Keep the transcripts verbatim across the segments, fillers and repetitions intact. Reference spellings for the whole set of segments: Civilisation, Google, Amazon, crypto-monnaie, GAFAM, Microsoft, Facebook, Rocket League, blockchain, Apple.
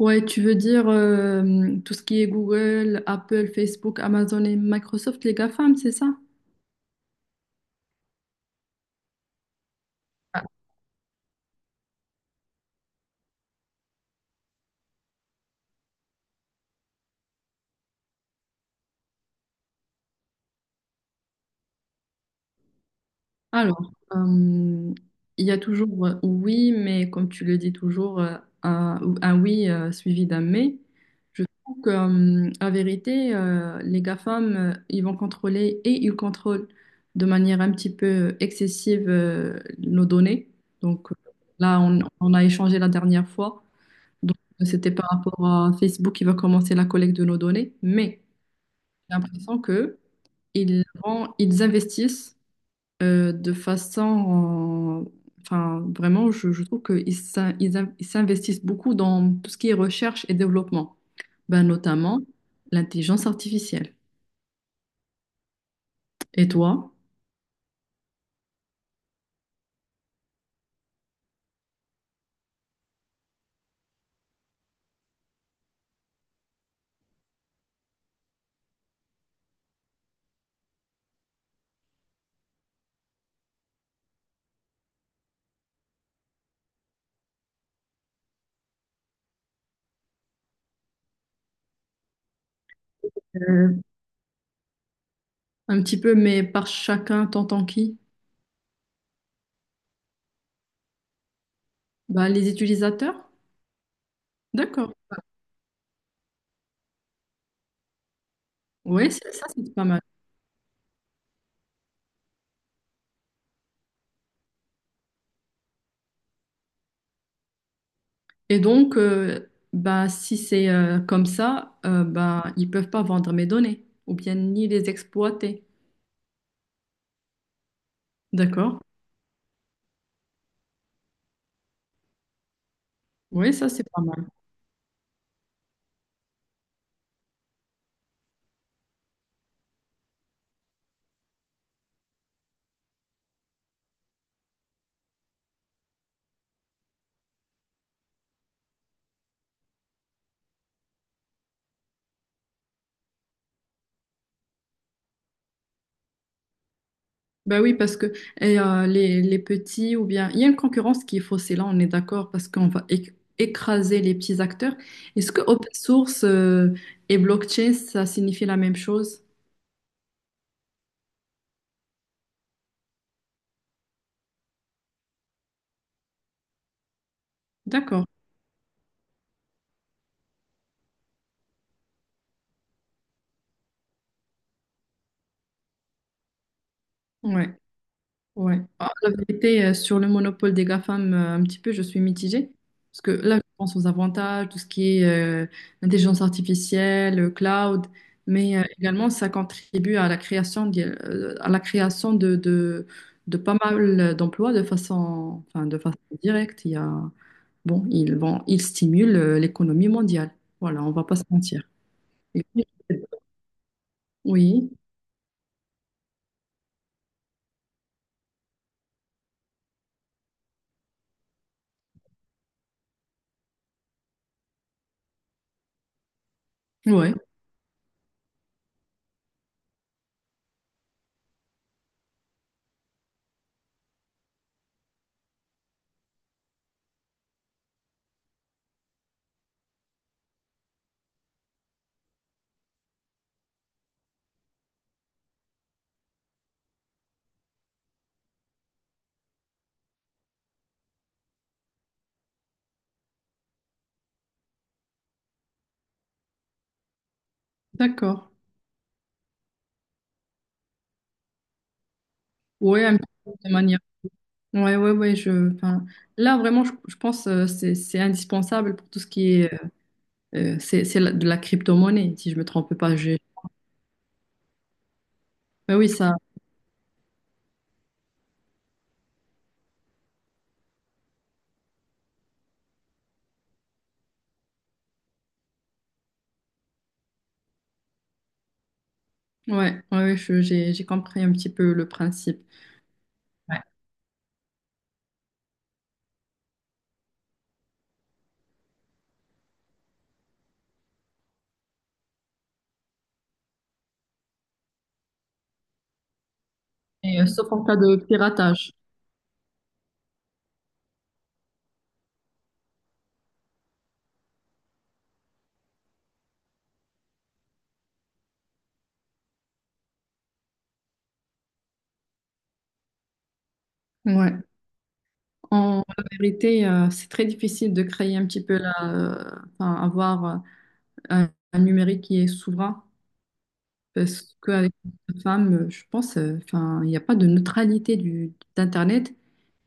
Ouais, tu veux dire euh, tout ce qui est Google, Apple, Facebook, Amazon et Microsoft, les GAFAM, c'est ça? Alors, euh, il y a toujours euh, oui, mais comme tu le dis toujours, euh, un, un oui euh, suivi d'un mais. Je trouve que, euh, la vérité, euh, les GAFAM, euh, ils vont contrôler et ils contrôlent de manière un petit peu excessive euh, nos données. Donc euh, là, on, on a échangé la dernière fois. Donc, c'était par rapport à Facebook qui va commencer la collecte de nos données, mais j'ai l'impression que ils vont- ils investissent euh, de façon, euh, enfin, vraiment, je, je trouve qu'ils s'in- ils in- ils s'investissent beaucoup dans tout ce qui est recherche et développement, ben, notamment l'intelligence artificielle. Et toi, Euh, un petit peu, mais par chacun, t'entends qui? Ben, les utilisateurs? D'accord. Oui, ça, c'est pas mal. Et donc, euh, bah, si c'est euh, comme ça, euh, bah, ils peuvent pas vendre mes données ou bien ni les exploiter. D'accord? Oui, ça c'est pas mal. Bah oui, parce que et, euh, les, les petits ou bien... Il y a une concurrence qui est faussée, là on est d'accord, parce qu'on va éc- écraser les petits acteurs. Est-ce que open source euh, et blockchain, ça signifie la même chose? D'accord. Ouais. Ouais. Ah, la vérité, euh, sur le monopole des GAFAM, euh, un petit peu, je suis mitigée. Parce que là, je pense aux avantages, tout ce qui est euh, intelligence artificielle, euh, cloud, mais euh, également, ça contribue à la création, d'y- euh, à la création de, de, de pas mal d'emplois de façon, enfin, de façon directe. Il y a, bon, ils vont, ils stimulent euh, l'économie mondiale. Voilà, on va pas se mentir. Et oui, ouais, d'accord. Ouais, un petit peu de manière ouais, ouais, ouais, je, enfin, là, vraiment, je, je pense euh, c'est c'est indispensable pour tout ce qui est, euh, c'est c'est la- de la crypto-monnaie, si je me trompe pas. J'ai, ouais, oui, ça, ouais, ouais, ouais, je- j'ai j'ai compris un petit peu le principe. Ouais. Et, euh, sauf en cas de piratage. Ouais. En vérité, euh, c'est très difficile de créer un petit peu la, euh, enfin, avoir euh, un, un numérique qui est souverain, parce qu'avec les femmes, euh, je pense, euh, enfin, il n'y a pas de neutralité du d'Internet.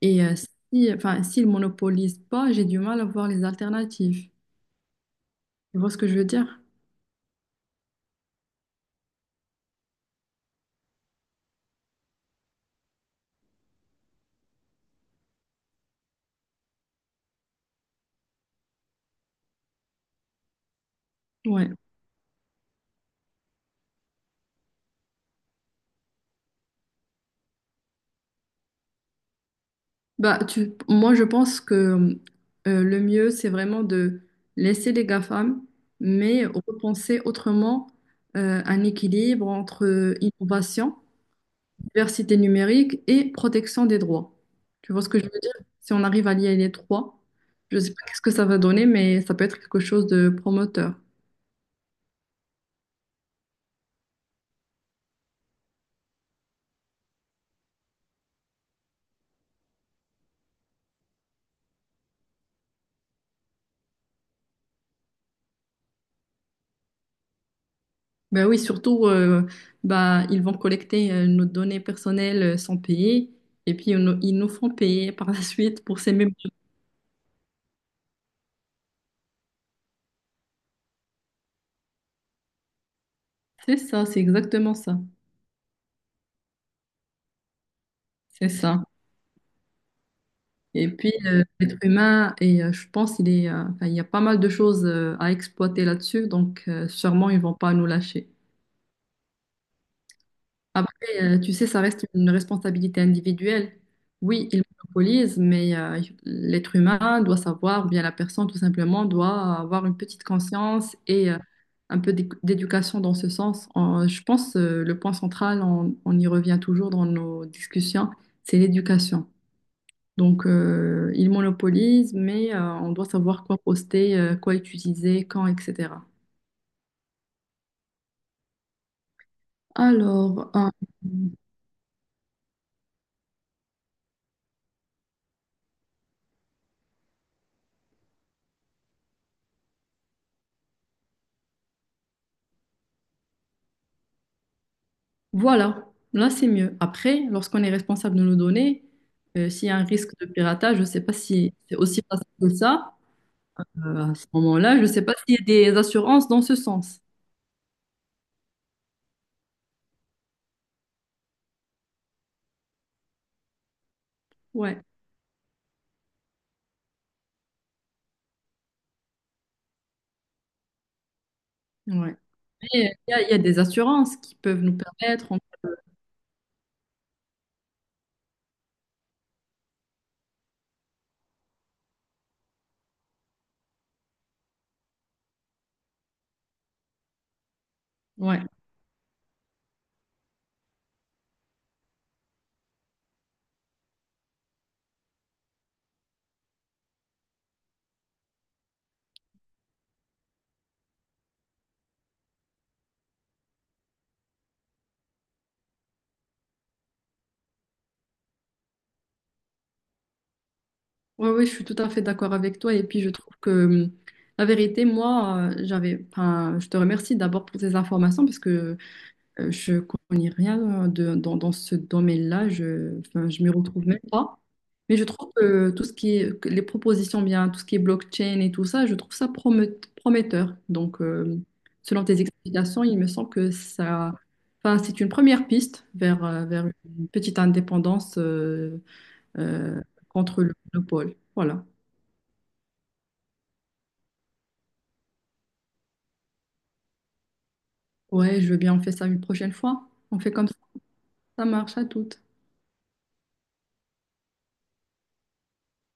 Et euh, si, enfin, s'ils monopolisent pas, j'ai du mal à voir les alternatives. Tu vois ce que je veux dire? Ouais. Bah, tu, moi, je pense que euh, le mieux, c'est vraiment de laisser les GAFAM, mais repenser autrement euh, un équilibre entre euh, innovation, diversité numérique et protection des droits. Tu vois ce que je veux dire? Si on arrive à lier les trois, je ne sais pas qu'est-ce que ça va donner, mais ça peut être quelque chose de promoteur. Ben oui, surtout, euh, ben, ils vont collecter euh, nos données personnelles euh, sans payer et puis ils nous ils nous font payer par la suite pour ces mêmes données. C'est ça, c'est exactement ça. C'est ça. Et puis, euh, l'être humain, et euh, je pense il est, euh, enfin, il y a pas mal de choses euh, à exploiter là-dessus, donc euh, sûrement ils vont pas nous lâcher. Après, euh, tu sais, ça reste une responsabilité individuelle. Oui, il monopolise, mais euh, l'être humain doit savoir, ou bien la personne tout simplement doit avoir une petite conscience et euh, un peu d'éc- d'éducation dans ce sens. En- je pense euh, le point central, on, on y revient toujours dans nos discussions, c'est l'éducation. Donc, euh, il monopolise, mais euh, on doit savoir quoi poster, euh, quoi utiliser, quand, et cetera. Alors, euh, voilà, là c'est mieux. Après, lorsqu'on est responsable de nos données, euh, s'il y a un risque de piratage, je ne sais pas si c'est aussi facile que ça. Euh, à ce moment-là, je ne sais pas s'il y a des assurances dans ce sens. Ouais, ouais. Mais, euh, il y a, il y a des assurances qui peuvent nous permettre. en- Ouais, ouais, ouais, je suis tout à fait d'accord avec toi. Et puis je trouve que euh, la vérité, moi, euh, j'avais. Enfin, je te remercie d'abord pour ces informations parce que Euh, je connais rien euh, de- dans, dans ce domaine-là. Je, enfin, je m'y retrouve même pas. Mais je trouve que tout ce qui est, que les propositions bien, tout ce qui est blockchain et tout ça, je trouve ça promet- prometteur. Donc, euh, selon tes explications, il me semble que ça, enfin, c'est une première piste vers, euh, vers une petite indépendance euh, euh, contre le monopole. Voilà. Ouais, je veux bien, on fait ça une prochaine fois. On fait comme ça. Ça marche à toutes.